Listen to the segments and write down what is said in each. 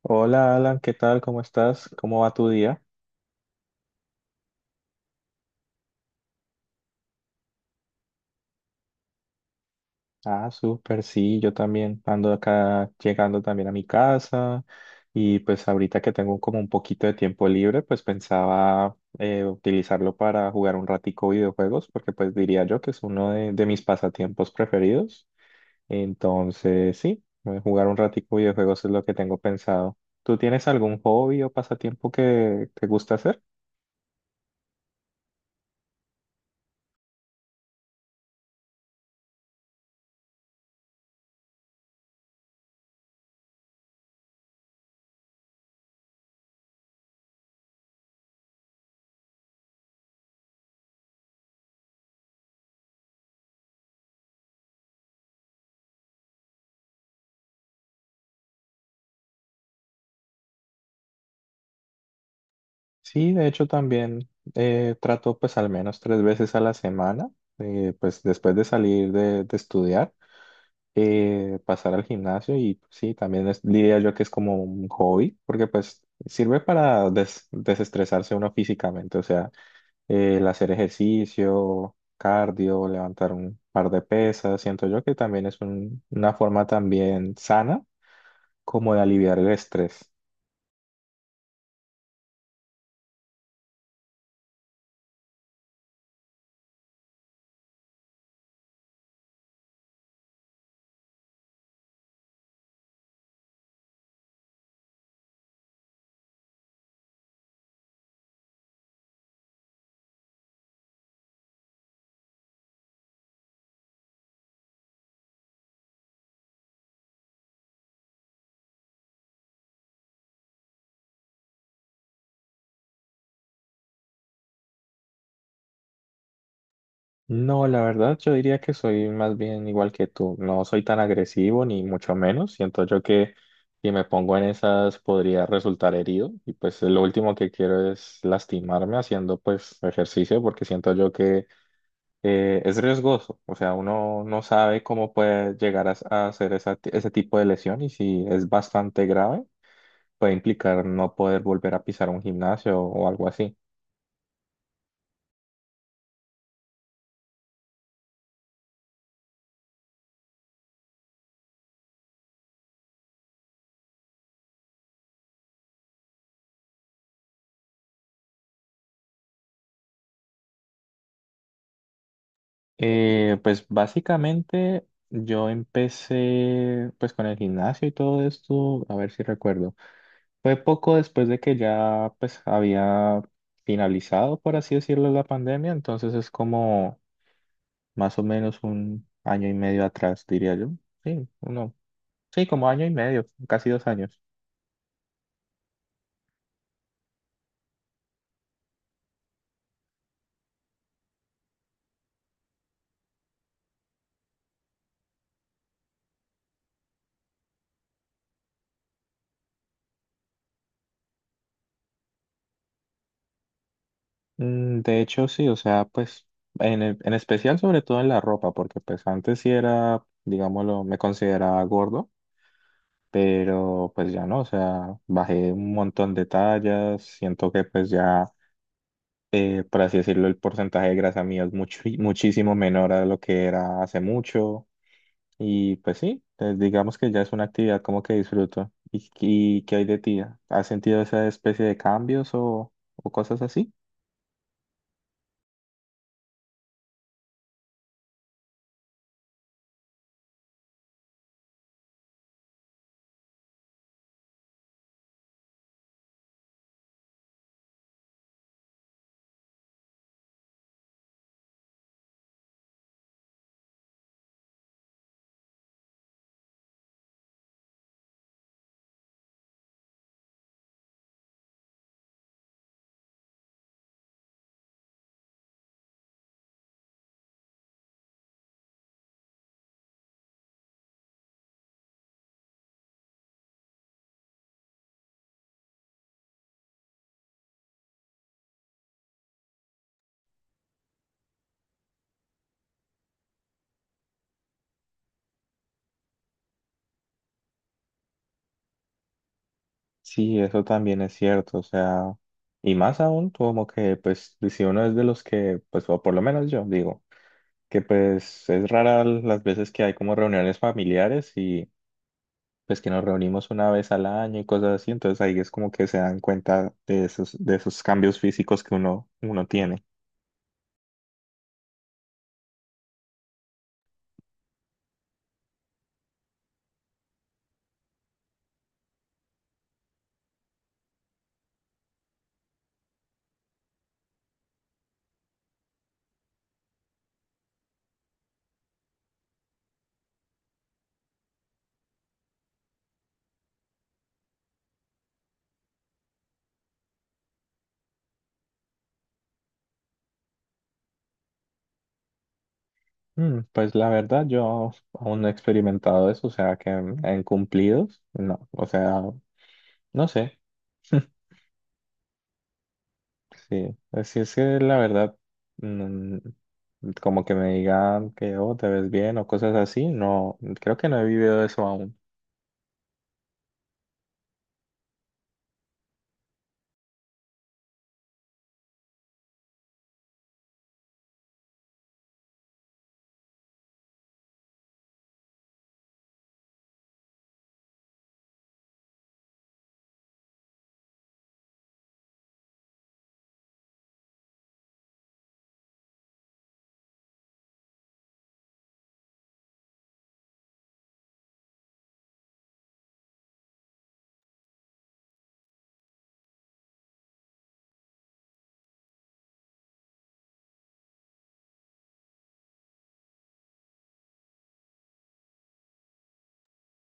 Hola Alan, ¿qué tal? ¿Cómo estás? ¿Cómo va tu día? Ah, súper, sí, yo también ando acá llegando también a mi casa y pues ahorita que tengo como un poquito de tiempo libre, pues pensaba utilizarlo para jugar un ratico videojuegos porque pues diría yo que es uno de mis pasatiempos preferidos. Entonces, sí, jugar un ratico videojuegos es lo que tengo pensado. ¿Tú tienes algún hobby o pasatiempo que te gusta hacer? Sí, de hecho también trato pues al menos 3 veces a la semana, pues después de salir de estudiar, pasar al gimnasio y pues, sí, también diría yo que es como un hobby, porque pues sirve para desestresarse uno físicamente, o sea, el hacer ejercicio, cardio, levantar un par de pesas, siento yo que también es una forma también sana como de aliviar el estrés. No, la verdad yo diría que soy más bien igual que tú. No soy tan agresivo ni mucho menos. Siento yo que si me pongo en esas podría resultar herido y pues lo último que quiero es lastimarme haciendo pues ejercicio porque siento yo que es riesgoso. O sea, uno no sabe cómo puede llegar a hacer esa ese tipo de lesión y si es bastante grave puede implicar no poder volver a pisar un gimnasio o algo así. Pues básicamente yo empecé pues con el gimnasio y todo esto, a ver si recuerdo. Fue poco después de que ya pues había finalizado, por así decirlo, la pandemia, entonces es como más o menos un año y medio atrás, diría yo. Sí, uno, sí, como año y medio, casi 2 años. Mm, de hecho, sí, o sea, pues en, en especial sobre todo en la ropa, porque pues antes sí era, digámoslo, me consideraba gordo. Pero pues ya no, o sea, bajé un montón de tallas, siento que pues ya, por así decirlo, el porcentaje de grasa mía es mucho, muchísimo menor a lo que era hace mucho y pues sí, pues, digamos que ya es una actividad como que disfruto. Y qué hay de ti? ¿Has sentido esa especie de cambios o cosas así? Sí, eso también es cierto, o sea, y más aún como que pues si uno es de los que, pues o por lo menos yo digo. Que pues es rara las veces que hay como reuniones familiares y pues que nos reunimos una vez al año y cosas así, entonces ahí es como que se dan cuenta de esos cambios físicos que uno, uno tiene. Mm, pues la verdad yo aún no he experimentado eso, o sea que en cumplidos, no, o sea, no sé, sí, así es que la verdad, mm, como que me digan que oh, te ves bien o cosas así, no, creo que no he vivido eso aún.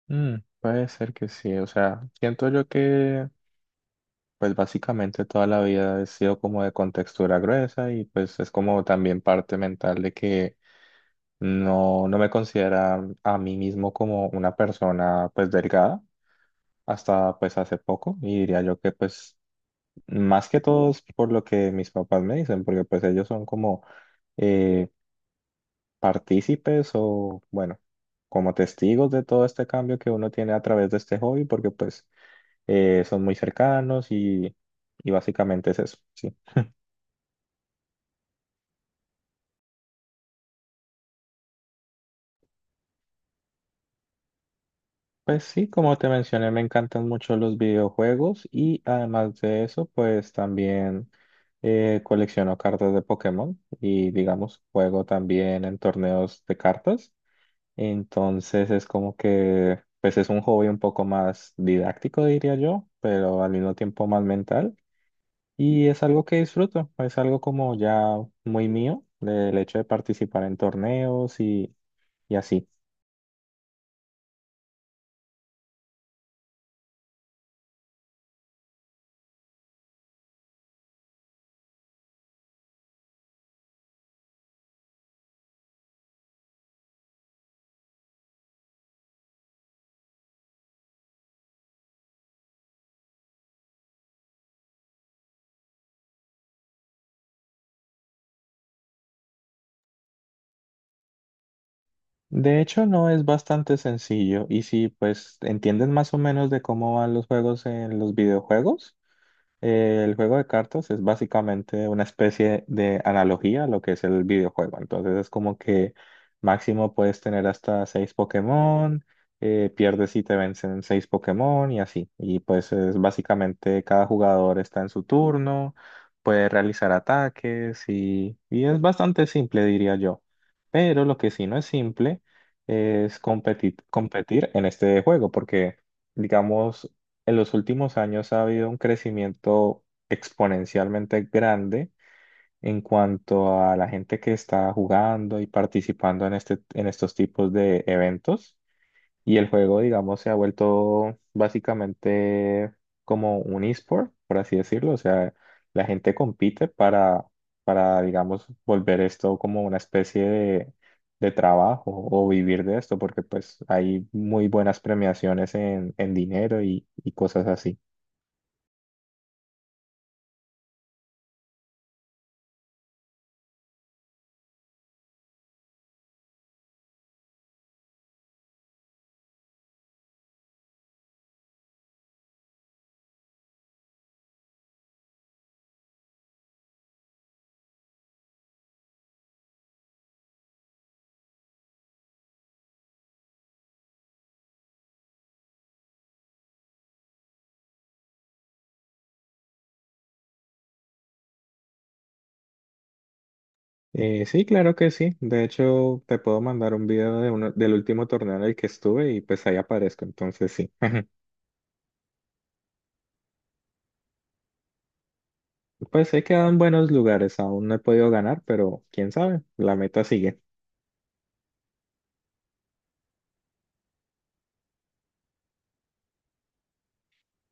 Mm, puede ser que sí, o sea, siento yo que pues básicamente toda la vida he sido como de contextura gruesa y pues es como también parte mental de que no me considera a mí mismo como una persona pues delgada hasta pues hace poco y diría yo que pues más que todo es por lo que mis papás me dicen, porque pues ellos son como eh, partícipes o bueno, como testigos de todo este cambio que uno tiene a través de este hobby, porque pues… son muy cercanos y básicamente es eso, sí. Pues sí, como te mencioné, me encantan mucho los videojuegos y además de eso, pues también colecciono cartas de Pokémon y digamos, juego también en torneos de cartas. Entonces es como que, pues es un hobby un poco más didáctico, diría yo, pero al mismo tiempo más mental. Y es algo que disfruto, es algo como ya muy mío, el hecho de participar en torneos y así. De hecho, no es bastante sencillo. Y si pues entienden más o menos de cómo van los juegos en los videojuegos, el juego de cartas es básicamente una especie de analogía a lo que es el videojuego. Entonces es como que máximo puedes tener hasta seis Pokémon, pierdes si te vencen seis Pokémon y así. Y pues es básicamente cada jugador está en su turno, puede realizar ataques y es bastante simple, diría yo. Pero lo que sí no es simple es competir, competir en este juego porque… digamos, en los últimos años ha habido un crecimiento exponencialmente grande en cuanto a la gente que está jugando y participando en este, en estos tipos de eventos. Y el juego, digamos, se ha vuelto básicamente como un esport, por así decirlo. O sea, la gente compite para, digamos, volver esto como una especie de trabajo o vivir de esto, porque pues hay muy buenas premiaciones en dinero y cosas así. Sí, claro que sí. De hecho, te puedo mandar un video de uno, del último torneo en el que estuve y pues ahí aparezco. Entonces sí. Pues he quedado en buenos lugares. Aún no he podido ganar, pero quién sabe, la meta sigue.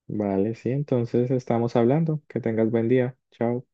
Vale, sí, entonces estamos hablando. Que tengas buen día. Chao.